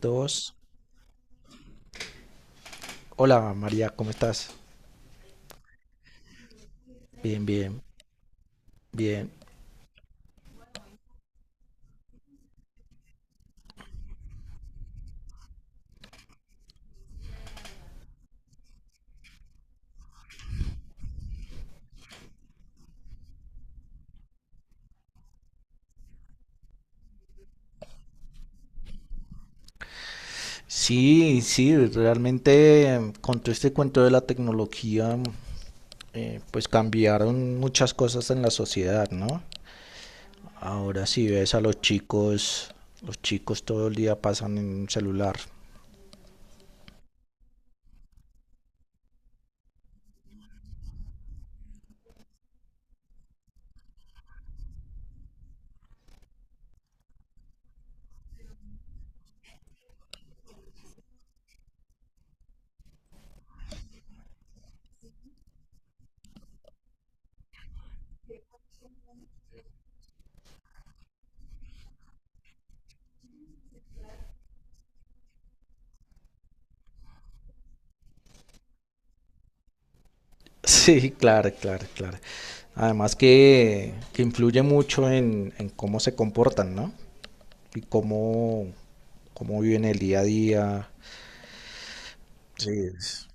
Dos. Hola María, ¿cómo estás? Bien, bien, bien. Sí, sí, realmente con todo este cuento de la tecnología, pues cambiaron muchas cosas en la sociedad, ¿no? Ahora si ves a los chicos todo el día pasan en un celular. Sí, claro, claro, claro. Además que influye mucho en cómo se comportan, ¿no? Y cómo, cómo viven el día a día. Sí,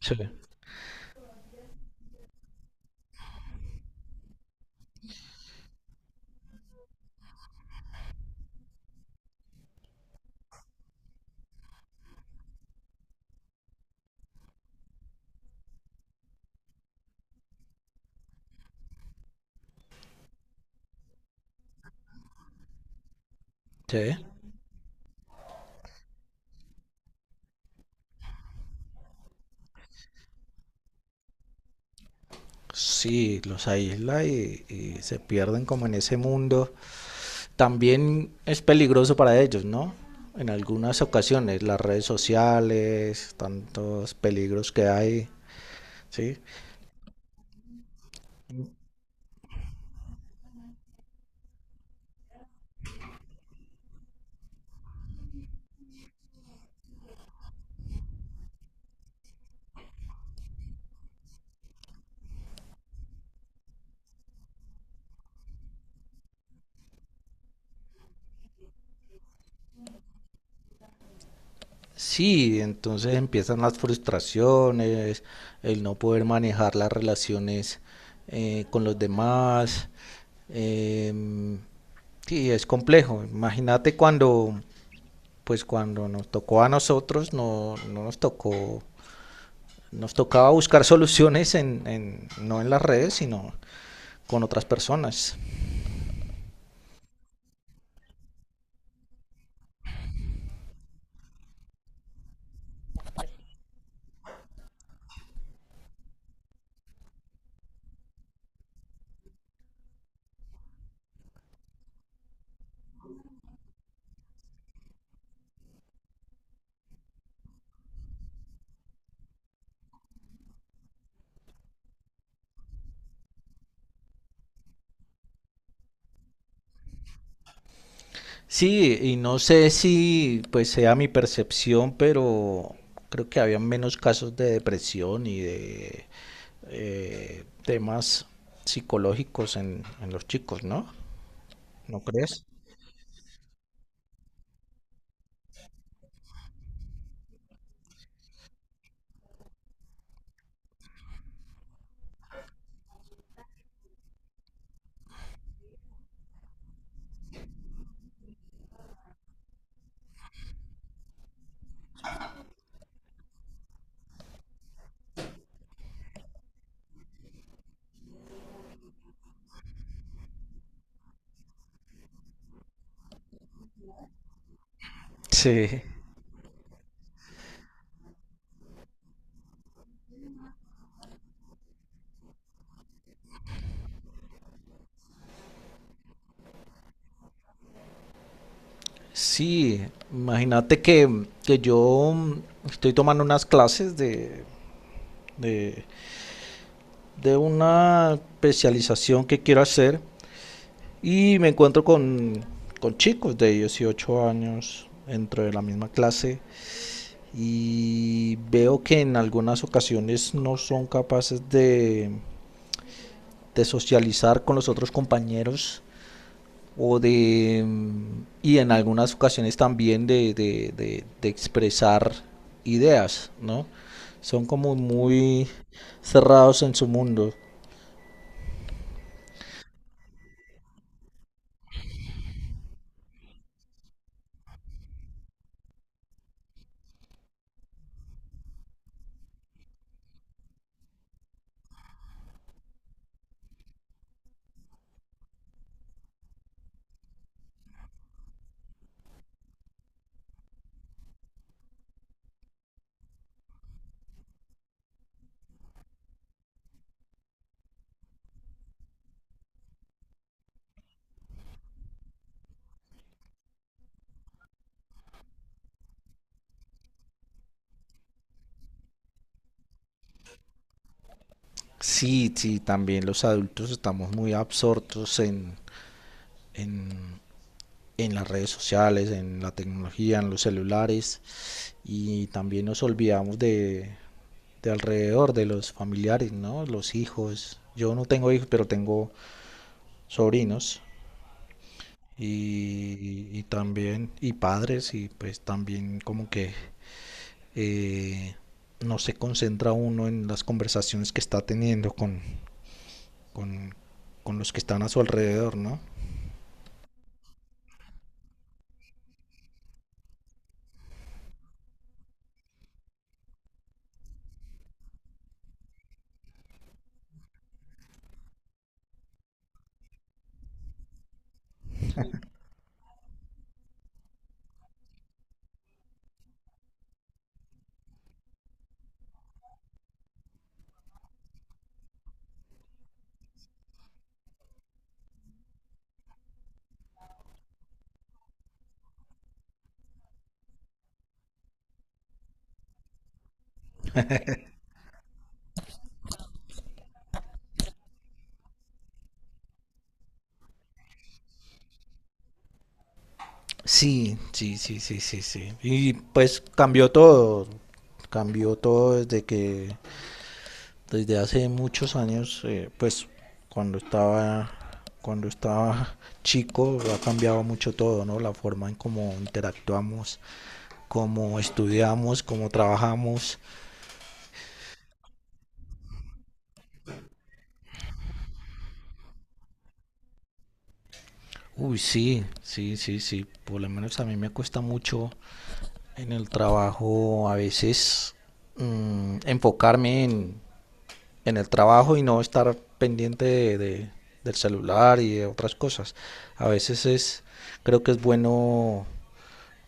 sí. Sí, sí, los aísla y se pierden como en ese mundo. También es peligroso para ellos, ¿no? En algunas ocasiones, las redes sociales, tantos peligros que hay, ¿sí? Sí, entonces empiezan las frustraciones, el no poder manejar las relaciones con los demás. em, sí, es complejo. Pues cuando nos tocó a nosotros, no, no nos tocó. Nos tocaba buscar soluciones no en las redes, sino con otras personas. Sí, y no sé si pues sea mi percepción, pero creo que había menos casos de depresión y de temas psicológicos en los chicos, ¿no? ¿No crees? Sí. Sí, imagínate que yo estoy tomando unas clases de, de una especialización que quiero hacer. Y me encuentro con chicos de 18 años dentro de la misma clase y veo que en algunas ocasiones no son capaces de socializar con los otros compañeros o de y en algunas ocasiones también de expresar ideas, ¿no? Son como muy cerrados en su mundo. Sí, sí, también los adultos estamos muy absortos en, en las redes sociales, en la tecnología, en los celulares y también nos olvidamos de alrededor, de los familiares, ¿no? Los hijos. Yo no tengo hijos, pero tengo sobrinos y también y padres y pues también como que eh, no se concentra uno en las conversaciones que está teniendo con, con los que están a su alrededor, ¿no? Sí, sí, sí, sí, sí, sí. Y pues cambió todo desde que, desde hace muchos años, pues cuando estaba, cuando estaba chico ha cambiado mucho todo, ¿no? La forma en cómo interactuamos, cómo estudiamos, cómo trabajamos. Uy, sí, sí, sí, sí. Por lo menos a mí me cuesta mucho en el trabajo a veces enfocarme en el trabajo y no estar pendiente del celular y de otras cosas. A veces es, creo que es bueno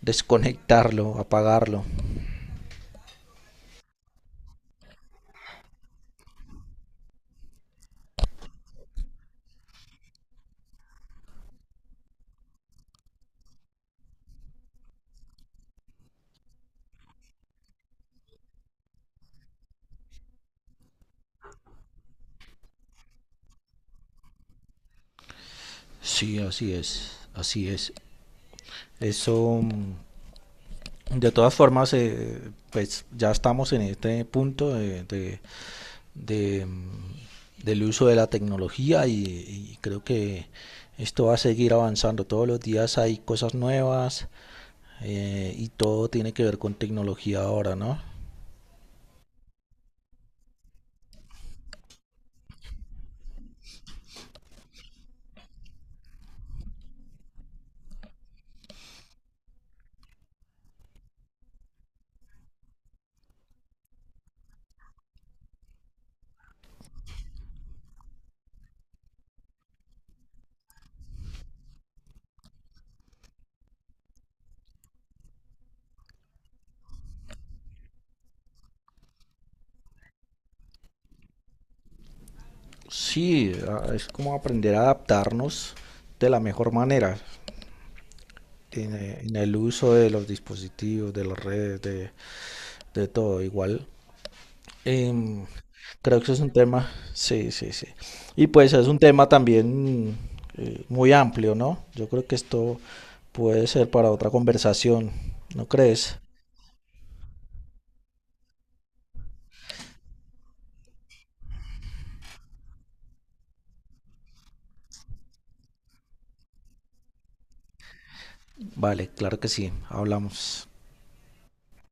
desconectarlo, apagarlo. Sí, así es, así es. Eso, de todas formas, pues ya estamos en este punto de, mm, del uso de la tecnología y creo que esto va a seguir avanzando. Todos los días hay cosas nuevas, y todo tiene que ver con tecnología ahora, ¿no? Sí, es como aprender a adaptarnos de la mejor manera en el uso de los dispositivos, de las redes, de todo igual. em, Creo que eso es un tema, sí, sí, sí. Y pues es un tema también muy amplio, ¿no? Yo creo que esto puede ser para otra conversación, ¿no crees? Vale, claro que sí, hablamos.